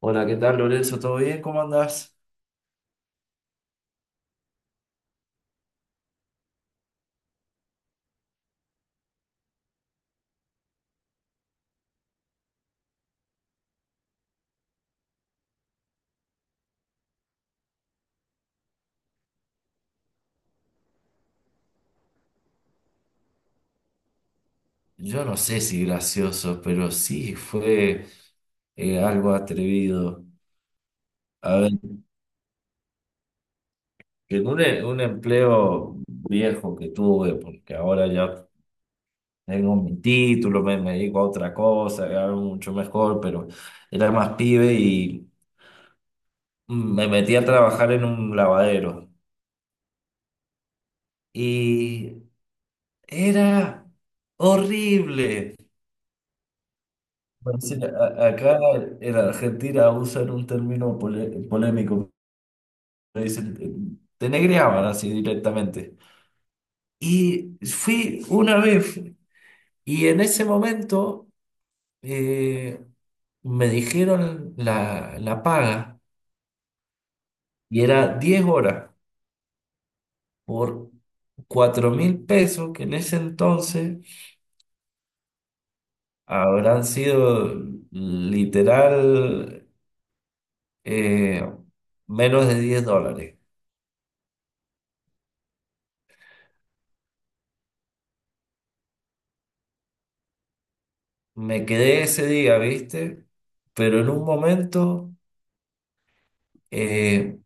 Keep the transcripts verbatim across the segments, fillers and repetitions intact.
Hola, ¿qué tal, Lorenzo? ¿Todo bien? ¿Cómo andás? Yo no sé si gracioso, pero sí fue eh, algo atrevido. A ver, en un, e- un empleo viejo que tuve, porque ahora ya tengo mi título, me, me dedico a otra cosa, algo mucho mejor, pero era más pibe y me metí a trabajar en un lavadero. Y era horrible. Bueno, sí, a- acá en Argentina usan un término pole- polémico, me dice, te negreaban así directamente. Y fui una vez, y en ese momento eh, me dijeron la, la paga, y era diez horas por cuatro mil pesos, que en ese entonces habrán sido literal eh, menos de diez dólares. Me quedé ese día, ¿viste? Pero en un momento eh,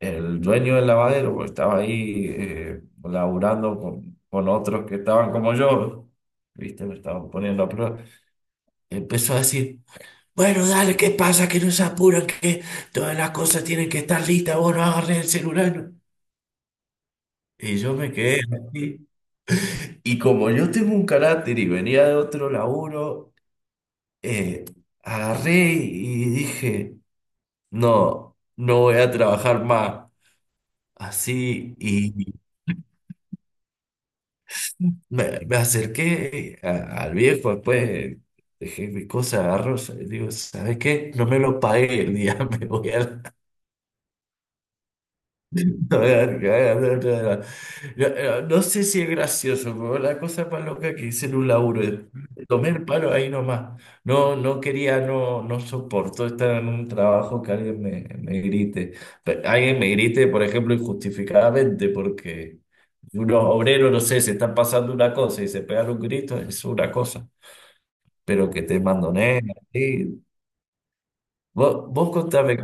el dueño del lavadero pues, estaba ahí eh, laburando con, con otros que estaban como yo, ¿viste? Me estaban poniendo a prueba. Empezó a decir, bueno, dale, ¿qué pasa? Que no se apuran, que todas las cosas tienen que estar listas, vos no agarrés el celular. No. Y yo me quedé así. Y como yo tengo un carácter y venía de otro laburo, eh, agarré y dije, no, no voy a trabajar más. Así, y me, me acerqué eh, a- al viejo, después dejé mis cosas, agarro, digo, ¿sabes qué? No me lo pagué el día, me voy a la no, no sé si es gracioso, pero la cosa más loca que hice en un laburo, eh, tomé el palo ahí nomás. No, no quería, no, no soporto estar en un trabajo que alguien me, me grite. Pe- Alguien me grite, por ejemplo, injustificadamente, porque unos obreros, no sé, se están pasando una cosa y se pegan un grito, es una cosa. Pero que te mandoneen, así. Vos, vos contame.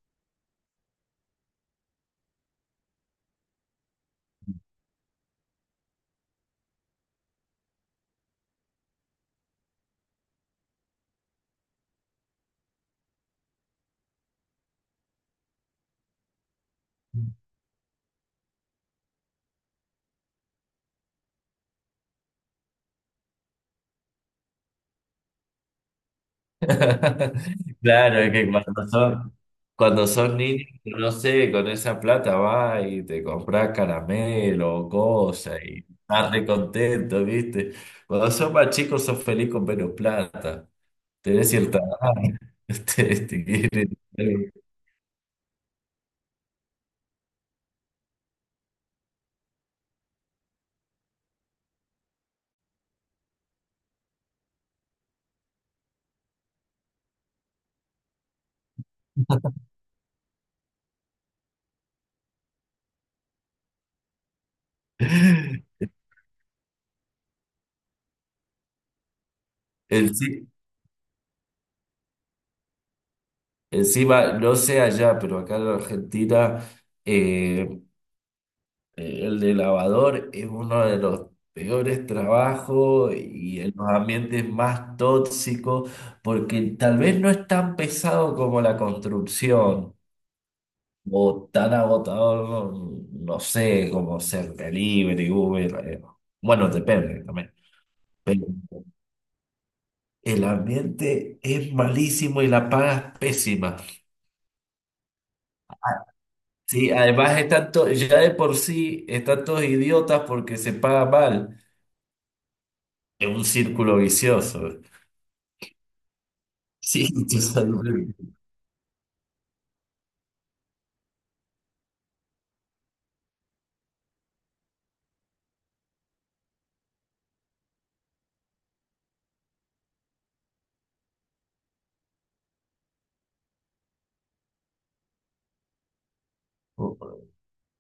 Claro, es que cuando son, cuando son niños, no sé, con esa plata va y te compras caramelo o cosas y estás re contento, ¿viste? Cuando son más chicos sos feliz con menos plata. Tenés cierta edad. Te- te quieren- Enci- Encima, no sé allá, pero acá en Argentina. eh, Eh, El de lavador es uno de los peores trabajos y en los ambientes más tóxicos, porque tal vez no es tan pesado como la construcción o tan agotador, no, no sé, como ser delivery, Uber. eh, Bueno, depende también. Pero el ambiente es malísimo y la paga es pésima. Sí, además están to- ya de por sí están todos idiotas porque se paga mal. Es un círculo vicioso. Sí, tu salud.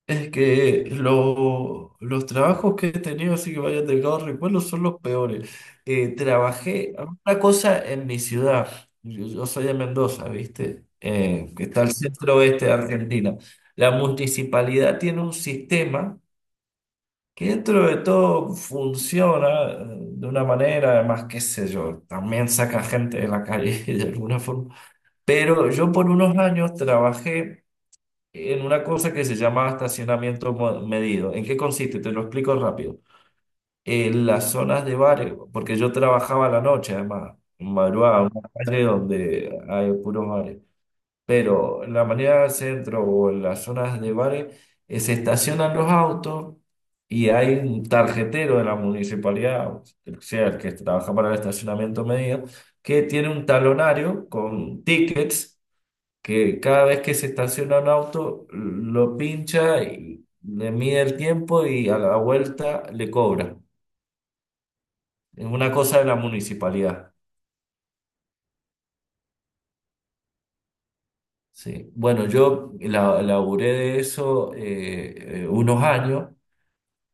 Es que lo- los trabajos que he tenido, así que vaya delgado recuerdo, son los peores. Eh, trabajé una cosa en mi ciudad. Yo, yo soy de Mendoza, ¿viste? Eh, que está al centro oeste de Argentina. La municipalidad tiene un sistema que dentro de todo funciona eh, de una manera, además, qué sé yo, también saca gente de la calle de alguna forma. Pero yo por unos años trabajé en una cosa que se llama estacionamiento mo- medido. ¿En qué consiste? Te lo explico rápido. En las zonas de bares, porque yo trabajaba a la noche, además, en madrugada, en una calle donde hay puros bares. Pero en la mañana del centro o en las zonas de bares, eh, se estacionan los autos y hay un tarjetero de la municipalidad, o sea, el que trabaja para el estacionamiento medido, que tiene un talonario con tickets que cada vez que se estaciona un auto, lo pincha y le mide el tiempo y a la vuelta le cobra. Es una cosa de la municipalidad. Sí. Bueno, yo la, laburé de eso eh, eh, unos años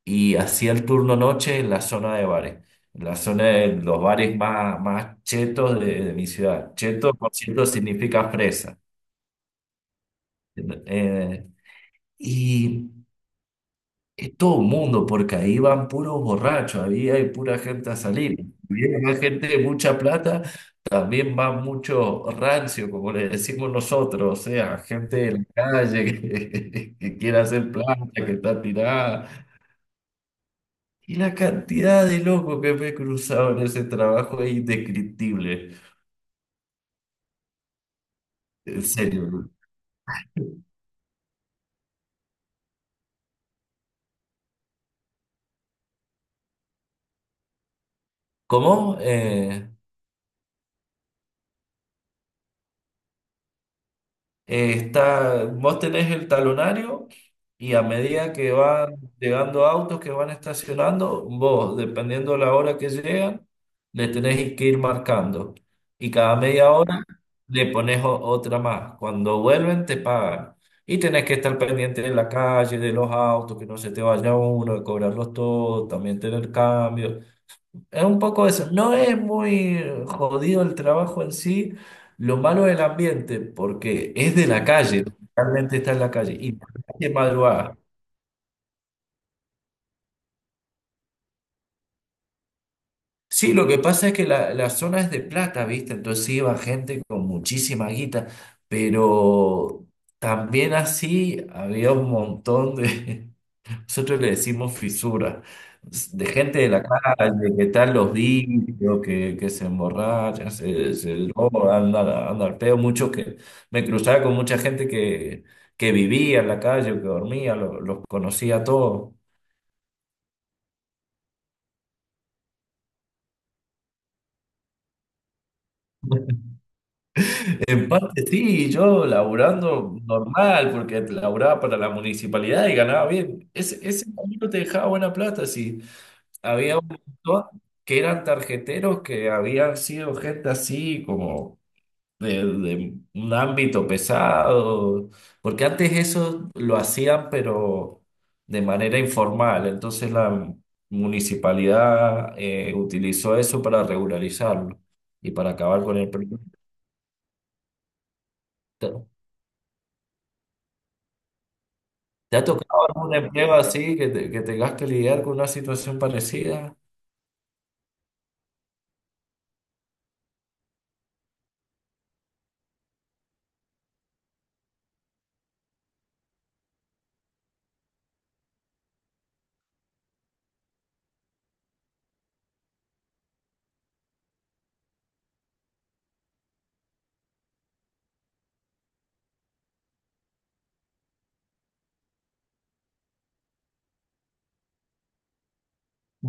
y hacía el turno noche en la zona de bares, en la zona de los bares más, más chetos de, de mi ciudad. Cheto, por cierto, significa fresa. Eh, y es todo mundo, porque ahí van puros borrachos, ahí hay pura gente a salir. Viene más gente de mucha plata, también va mucho rancio, como le decimos nosotros, o sea, gente de la calle que, que quiere hacer plata, que está tirada. Y la cantidad de locos que me he cruzado en ese trabajo es indescriptible, en serio. ¿Cómo? Eh, Eh, está, vos tenés el talonario y a medida que van llegando autos que van estacionando, vos, dependiendo de la hora que llegan, le tenés que ir marcando. Y cada media hora le pones o- otra más. Cuando vuelven, te pagan. Y tenés que estar pendiente de la calle, de los autos, que no se te vaya uno, de cobrarlos todos, también tener cambios. Es un poco eso. No es muy jodido el trabajo en sí. Lo malo es el ambiente, porque es de la calle, realmente está en la calle. Y de madrugada. Sí, lo que pasa es que la, la zona es de plata, ¿viste? Entonces iba gente con muchísima guita, pero también así había un montón de, nosotros le decimos fisura. De gente de la calle que están los vicios, que, que se emborrachan, se, se drogan, andan anda al peo. Muchos que me cruzaba con mucha gente que, que vivía en la calle, que dormía, lo- los conocía a todos. En parte sí, yo laburando normal, porque laburaba para la municipalidad y ganaba bien. Ese, ese camino te dejaba buena plata, sí. Había un montón que eran tarjeteros que habían sido gente así como de, de un ámbito pesado, porque antes eso lo hacían, pero de manera informal, entonces la municipalidad eh, utilizó eso para regularizarlo y para acabar con el problema. ¿Te, te ha tocado algún empleo así que, te- que tengas que lidiar con una situación parecida?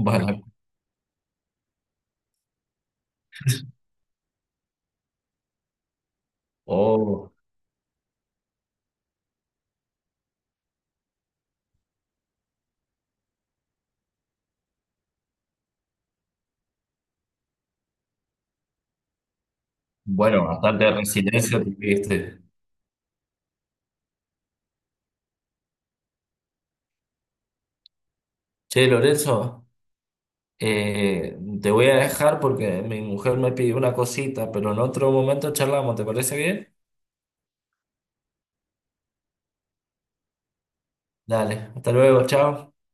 Vale. Oh, bueno, bastante resiliencia tuviste. Che, Lorenzo. Eh, te voy a dejar porque mi mujer me pidió una cosita, pero en otro momento charlamos, ¿te parece bien? Dale, hasta luego, chao.